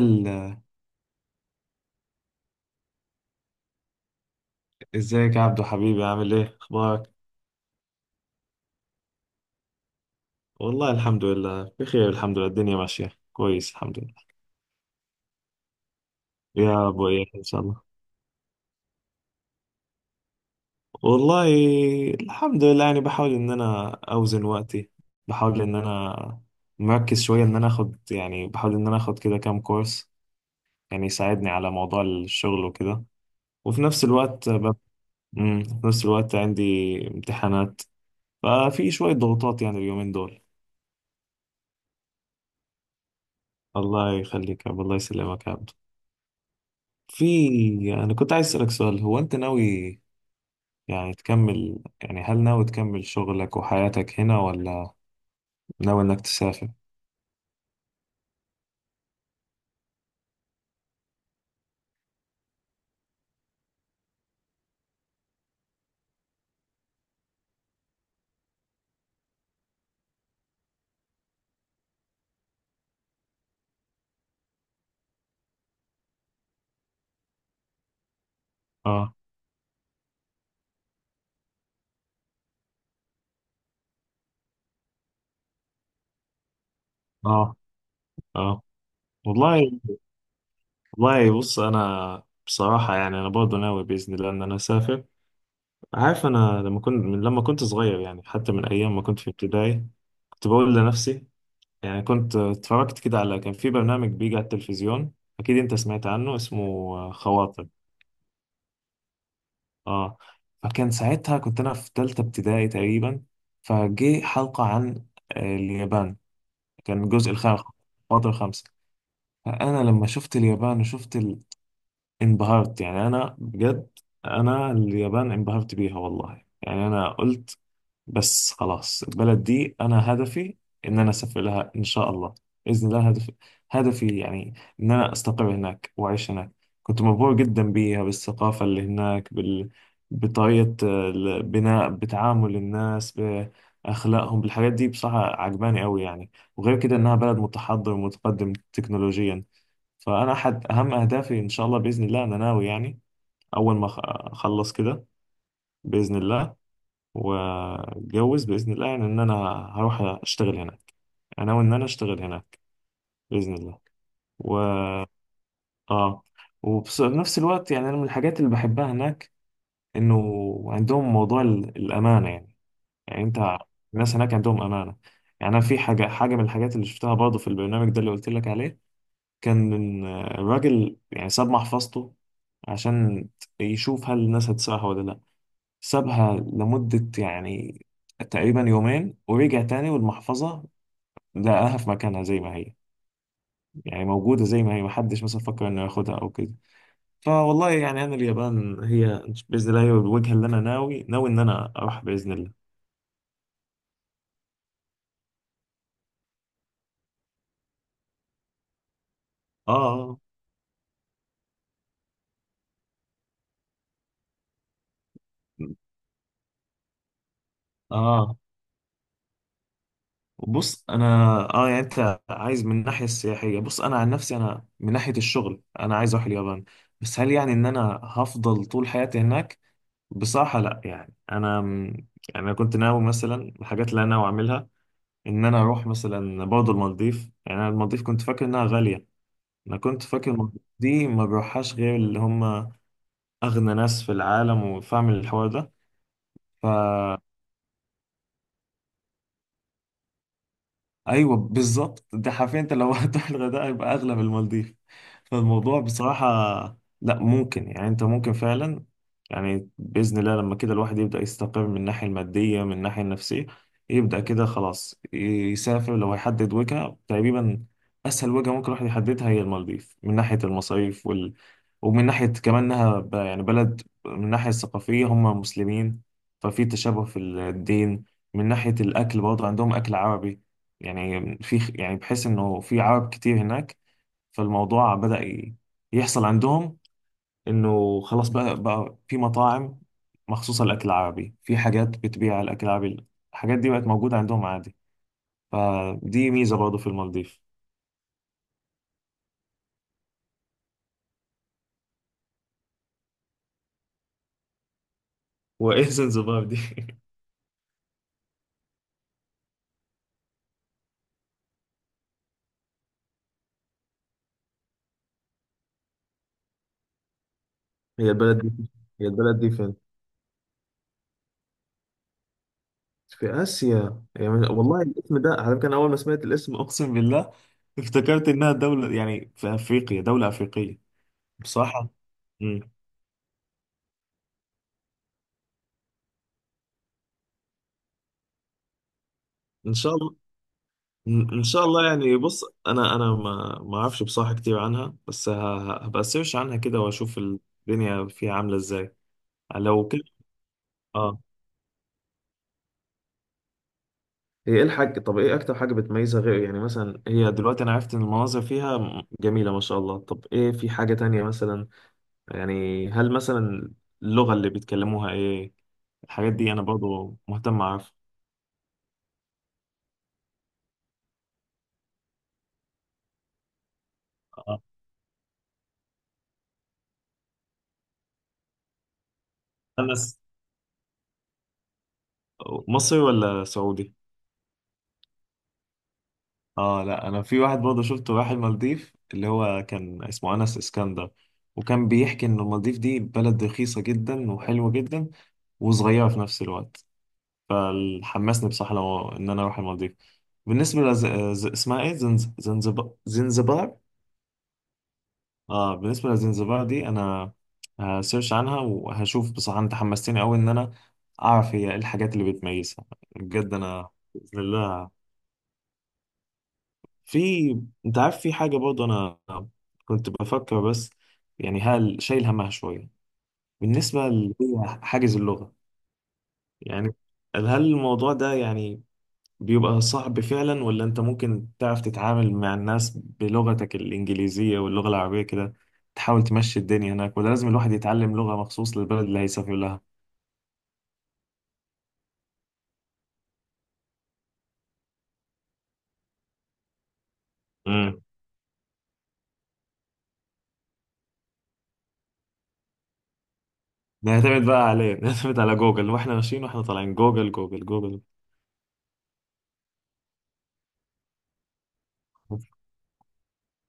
ال- ازيك يا عبدو حبيبي، عامل ايه؟ اخبارك؟ والله الحمد لله بخير، الحمد لله. الدنيا ماشيه كويس، الحمد لله. يا ابو ايه ان شاء الله. والله الحمد لله، يعني بحاول ان انا اوزن وقتي، بحاول ان انا مركز شويه، ان انا اخد يعني، بحاول ان انا اخد كده كام كورس يعني يساعدني على موضوع الشغل وكده، وفي نفس الوقت في نفس الوقت عندي امتحانات، ففي شويه ضغوطات يعني اليومين دول. الله يخليك يا عبد، الله يسلمك يا عبد. أنا كنت عايز أسألك سؤال، هو أنت ناوي يعني تكمل، يعني هل ناوي تكمل شغلك وحياتك هنا ولا ناوي إنك تسافر؟ آه. آه. آه. والله. والله، بص أنا بصراحة يعني أنا برضه ناوي بإذن الله إن أنا أسافر. عارف، أنا لما كنت، من لما كنت صغير يعني، حتى من أيام ما كنت في ابتدائي، كنت بقول لنفسي، يعني كنت اتفرجت كده على، كان في برنامج بيجي على التلفزيون، أكيد أنت سمعت عنه، اسمه خواطر. اه. فكان ساعتها كنت انا في تالتة ابتدائي تقريبا، فجه حلقة عن اليابان. كان الجزء الخامس، الفاضل الخامس. فانا لما شفت اليابان وشفت انبهرت يعني، انا بجد، انا اليابان انبهرت بيها والله. يعني انا قلت بس خلاص، البلد دي انا هدفي ان انا اسافر لها ان شاء الله، باذن الله هدفي، هدفي يعني ان انا استقر هناك واعيش هناك. كنت مبهور جدا بيها، بالثقافه اللي هناك، بطريقه البناء، بتعامل الناس، باخلاقهم، بالحاجات دي بصراحه عجباني قوي يعني. وغير كده انها بلد متحضر ومتقدم تكنولوجيا. فانا احد اهم اهدافي ان شاء الله، باذن الله انا ناوي يعني اول ما اخلص كده باذن الله، واتجوز باذن الله، يعني ان انا هروح اشتغل هناك، انا وان انا اشتغل هناك باذن الله و اه. وفي نفس الوقت يعني انا من الحاجات اللي بحبها هناك انه عندهم موضوع الامانه يعني. يعني انت، الناس هناك عندهم امانه. يعني انا في حاجه من الحاجات اللي شفتها برضه في البرنامج ده اللي قلت لك عليه، كان إن الراجل يعني ساب محفظته عشان يشوف هل الناس هتسرقها ولا لا. سابها لمده يعني تقريبا يومين، ورجع تاني والمحفظة لقاها في مكانها زي ما هي. يعني موجودة زي ما هي، محدش مثلا فكر انه ياخدها او كده. فوالله يعني انا اليابان هي، بإذن الله هي الوجهة اللي انا ناوي، ناوي ان انا اروح بإذن الله. اه. اه. بص انا، اه يعني انت عايز من الناحية السياحية. بص انا عن نفسي، انا من ناحية الشغل انا عايز اروح اليابان. بس هل يعني ان انا هفضل طول حياتي هناك؟ بصراحة لا، يعني انا، يعني انا كنت ناوي مثلا، الحاجات اللي انا ناوي اعملها ان انا اروح مثلا برضه المالديف. يعني انا المالديف كنت فاكر انها غاليه، انا كنت فاكر المالديف دي ما بروحهاش غير اللي هم اغنى ناس في العالم وفاهم الحوار ده. ف ايوه بالظبط، ده حرفيا، انت لو هتروح الغردقه يبقى اغلى من المالديف. فالموضوع بصراحه لا، ممكن يعني انت ممكن فعلا يعني باذن الله لما كده الواحد يبدا يستقر من الناحيه الماديه من الناحيه النفسيه، يبدا كده خلاص يسافر، لو هيحدد وجهه تقريبا اسهل وجهه ممكن الواحد يحددها هي المالديف، من ناحيه المصاريف ومن ناحيه كمان انها يعني بلد من الناحيه الثقافيه هم مسلمين، ففي تشابه في الدين. من ناحيه الاكل برضه عندهم اكل عربي، يعني في، يعني بحس انه في عرب كتير هناك، فالموضوع بدأ يحصل عندهم انه خلاص بقى في مطاعم مخصوصة للأكل العربي، في حاجات بتبيع الأكل العربي، الحاجات دي بقت موجودة عندهم عادي، فدي ميزة برضه في المالديف. وإيه زنزبار دي؟ هي البلد دي هي البلد دي فين؟ في آسيا يعني، والله الاسم ده على فكرة، أنا أول ما سمعت الاسم أقسم بالله افتكرت إنها دولة يعني في أفريقيا، دولة أفريقية. بصراحة. مم. إن شاء الله. إن شاء الله يعني. بص انا ما اعرفش بصراحه كتير عنها، بس هبقى سيرش عنها كده واشوف الدنيا فيها عامله ازاي. لو كده. اه هي ايه الحاجه، طب ايه اكتر حاجه بتميزها غير، يعني مثلا هي دلوقتي انا عرفت ان المناظر فيها جميله ما شاء الله، طب ايه في حاجه تانية مثلا، يعني هل مثلا اللغه اللي بيتكلموها ايه؟ الحاجات دي انا برضو مهتم اعرف. آه. انا مصري ولا سعودي؟ اه لا، انا في واحد برضه شفته راح المالديف، اللي هو كان اسمه انس اسكندر، وكان بيحكي ان المالديف دي بلد رخيصه جدا وحلوه جدا وصغيره في نفس الوقت، فحمسني بصراحه لو ان انا اروح المالديف. بالنسبه اسمها ايه؟ زنزبار، زنزبار. اه بالنسبه لزنزبار دي انا هسيرش عنها وهشوف، بصراحه انت حمستني قوي ان انا اعرف هي ايه الحاجات اللي بتميزها، بجد انا باذن الله. في، انت عارف في حاجة برضه انا كنت بفكر بس، يعني هل شايل همها شوية بالنسبة اللي هي حاجز اللغة، يعني هل الموضوع ده يعني بيبقى صعب فعلا، ولا انت ممكن تعرف تتعامل مع الناس بلغتك الإنجليزية واللغة العربية كده، تحاول تمشي الدنيا هناك، ولا لازم الواحد يتعلم لغة مخصوص للبلد اللي هيسافر لها. امم نعتمد بقى عليه، نعتمد على جوجل، واحنا ماشيين واحنا طالعين جوجل جوجل جوجل.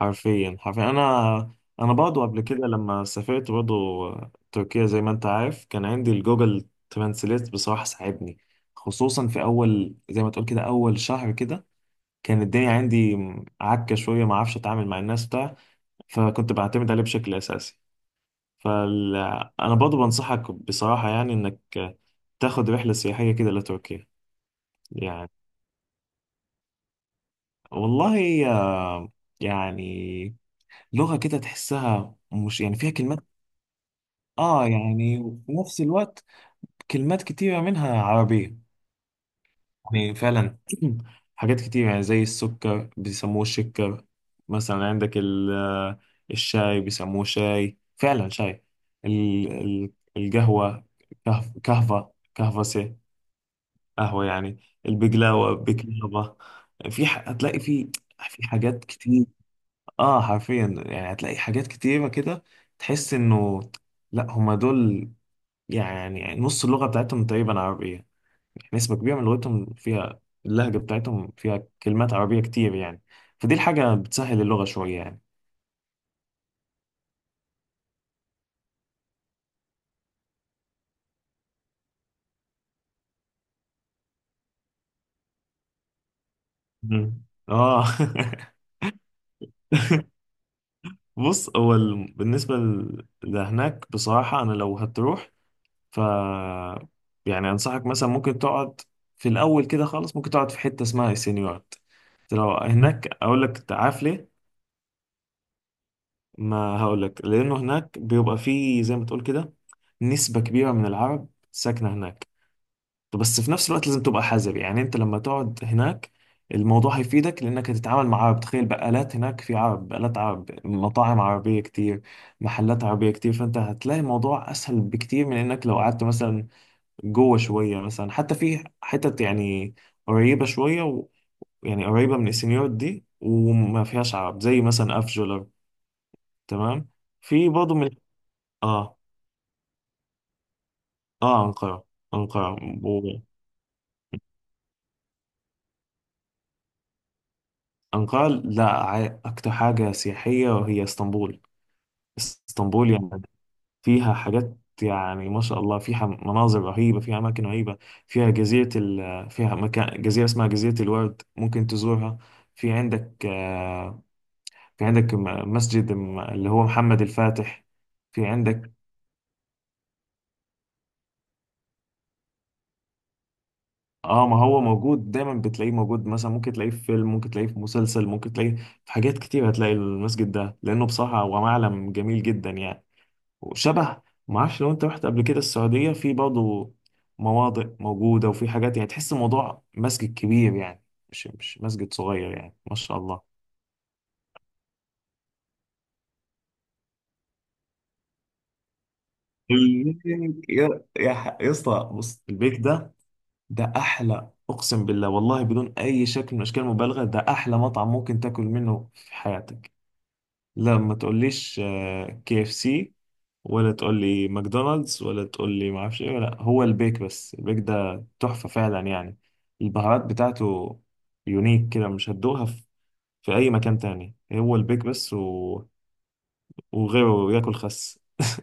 حرفيا حرفيا، انا برضه قبل كده لما سافرت برضه تركيا زي ما انت عارف، كان عندي الجوجل ترانسليت بصراحة ساعدني، خصوصا في اول، زي ما تقول كده، اول شهر كده كان الدنيا عندي عكة شوية، ما اعرفش اتعامل مع الناس بتاع، فكنت بعتمد عليه بشكل اساسي. فال انا برضه بنصحك بصراحة يعني انك تاخد رحلة سياحية كده لتركيا. يعني والله يعني لغة كده تحسها مش يعني فيها كلمات. اه يعني، وفي نفس الوقت كلمات كتيرة منها عربية، يعني فعلا. حاجات كتير يعني زي السكر بيسموه شكر مثلا، عندك الشاي بيسموه شاي، فعلا شاي. ال- ال- القهوة، كهفة، كهفسة، قهوة يعني. البقلاوة، بقلاوة. في هتلاقي في حاجات كتير. اه حرفيا يعني هتلاقي حاجات كتيرة كده، تحس انه لا، هما دول يعني نص اللغة بتاعتهم تقريبا عربية، يعني نسبة كبيرة من لغتهم فيها، اللهجة بتاعتهم فيها كلمات عربية كتير يعني، فدي الحاجة بتسهل اللغة شوية يعني. مم. اه. بص هو بالنسبة لهناك بصراحة، أنا لو هتروح ف يعني أنصحك مثلا ممكن تقعد في الأول كده خالص، ممكن تقعد في حتة اسمها السينيورات لو هناك، أقول لك عارف ليه؟ ما هقولك لأنه هناك بيبقى فيه، زي ما تقول كده، نسبة كبيرة من العرب ساكنة هناك، بس في نفس الوقت لازم تبقى حذر. يعني أنت لما تقعد هناك الموضوع هيفيدك، لأنك هتتعامل مع عرب، تخيل بقالات هناك في عرب، بقالات عرب، مطاعم عربية كتير، محلات عربية كتير، فأنت هتلاقي الموضوع أسهل بكتير من إنك لو قعدت مثلا جوه شوية، مثلا حتى في حتت يعني قريبة شوية يعني قريبة من السنيور دي وما فيهاش عرب، زي مثلا أفجولر. تمام. في برضه اه. اه. أنقرة و- أنقرة. لا، أكتر حاجة سياحية وهي اسطنبول. اسطنبول يعني فيها حاجات، يعني ما شاء الله فيها مناظر رهيبة، فيها أماكن رهيبة، فيها جزيرة فيها مكان، جزيرة اسمها جزيرة الورد، ممكن تزورها. في عندك في عندك مسجد اللي هو محمد الفاتح. في عندك. اه ما هو موجود دايما، بتلاقيه موجود مثلا، ممكن تلاقيه في فيلم، ممكن تلاقيه في مسلسل، ممكن تلاقيه في حاجات كتير، هتلاقي المسجد ده لانه بصراحة هو معلم جميل جدا يعني، وشبه، ما اعرفش لو انت رحت قبل كده السعودية في برضه مواضع موجودة، وفي حاجات يعني تحس الموضوع مسجد كبير يعني، مش مسجد صغير يعني ما شاء الله. البيك، يا يا اسطى بص، البيك ده، ده احلى، اقسم بالله والله بدون اي شكل من اشكال المبالغه، ده احلى مطعم ممكن تاكل منه في حياتك. لا ما تقوليش KFC، ولا تقولي ماكدونالدز، ولا تقولي ما اعرفش ايه، ولا هو البيك بس، البيك ده تحفة فعلا يعني، البهارات بتاعته يونيك كده، مش هتدوقها في اي مكان تاني، هو البيك بس وغيره ياكل خس.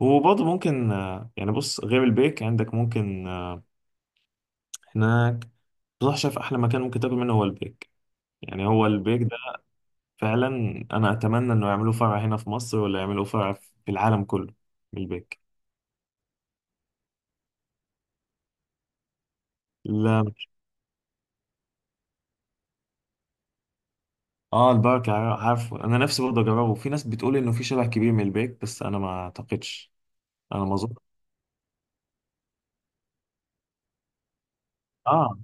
وبرضه ممكن يعني بص، غير البيك عندك ممكن هناك بصراحة، شايف أحلى مكان ممكن تاكل منه هو البيك، يعني هو البيك ده فعلا. أنا أتمنى إنه يعملوه فرع هنا في مصر، ولا يعملوه فرع في العالم كله، البيك. لا. اه البركة، عارفه انا، نفسي برضه اجربه، في ناس بتقول انه في شبه كبير من البيك، بس انا ما اعتقدش. انا ما اظن. اه.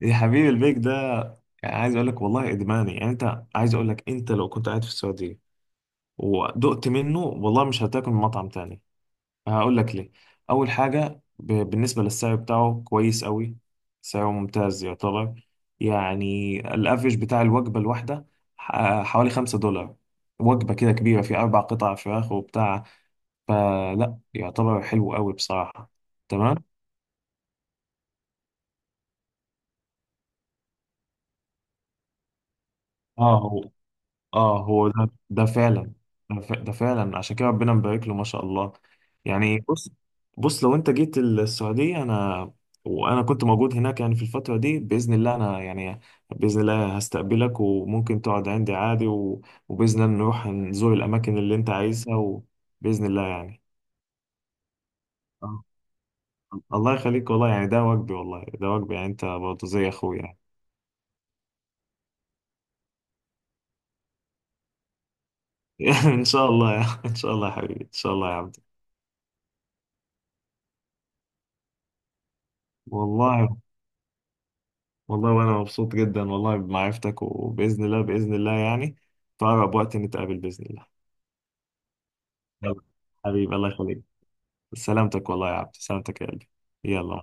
يا حبيبي البيك ده، يعني عايز اقول لك والله ادماني، يعني انت عايز اقول لك انت لو كنت قاعد في السعودية ودقت منه، والله مش هتاكل من مطعم تاني. هقول لك ليه. اول حاجة بالنسبة للسعر بتاعه كويس قوي، سعره ممتاز يعتبر، يعني الافرج بتاع الوجبة الواحدة حوالي $5، وجبة كده كبيرة في أربع قطع فراخ وبتاع، فلا يعتبر حلو قوي بصراحة. تمام. اه. هو اه. هو ده فعلا، ده ده فعلا عشان كده ربنا مبارك له ما شاء الله. يعني بص، بص لو انت جيت السعودية، انا وانا كنت موجود هناك يعني في الفترة دي بإذن الله، انا يعني بإذن الله هستقبلك، وممكن تقعد عندي عادي وبإذن الله نروح نزور الاماكن اللي انت عايزها، وبإذن الله يعني. آه. الله يخليك والله يعني، ده واجبي، والله ده واجبي يعني، انت برضه زي اخويا يعني. ان شاء الله، يا ان شاء الله يا حبيبي، ان شاء الله يا عبد. والله. والله وانا مبسوط جدا والله بمعرفتك، وباذن الله باذن الله يعني، في اقرب وقت نتقابل باذن الله. يلا، حبيبي الله يخليك، سلامتك والله يا عبد، سلامتك يا قلبي. يلا.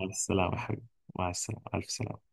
مع السلامه يا حبيبي. مع السلامه، الف سلامه.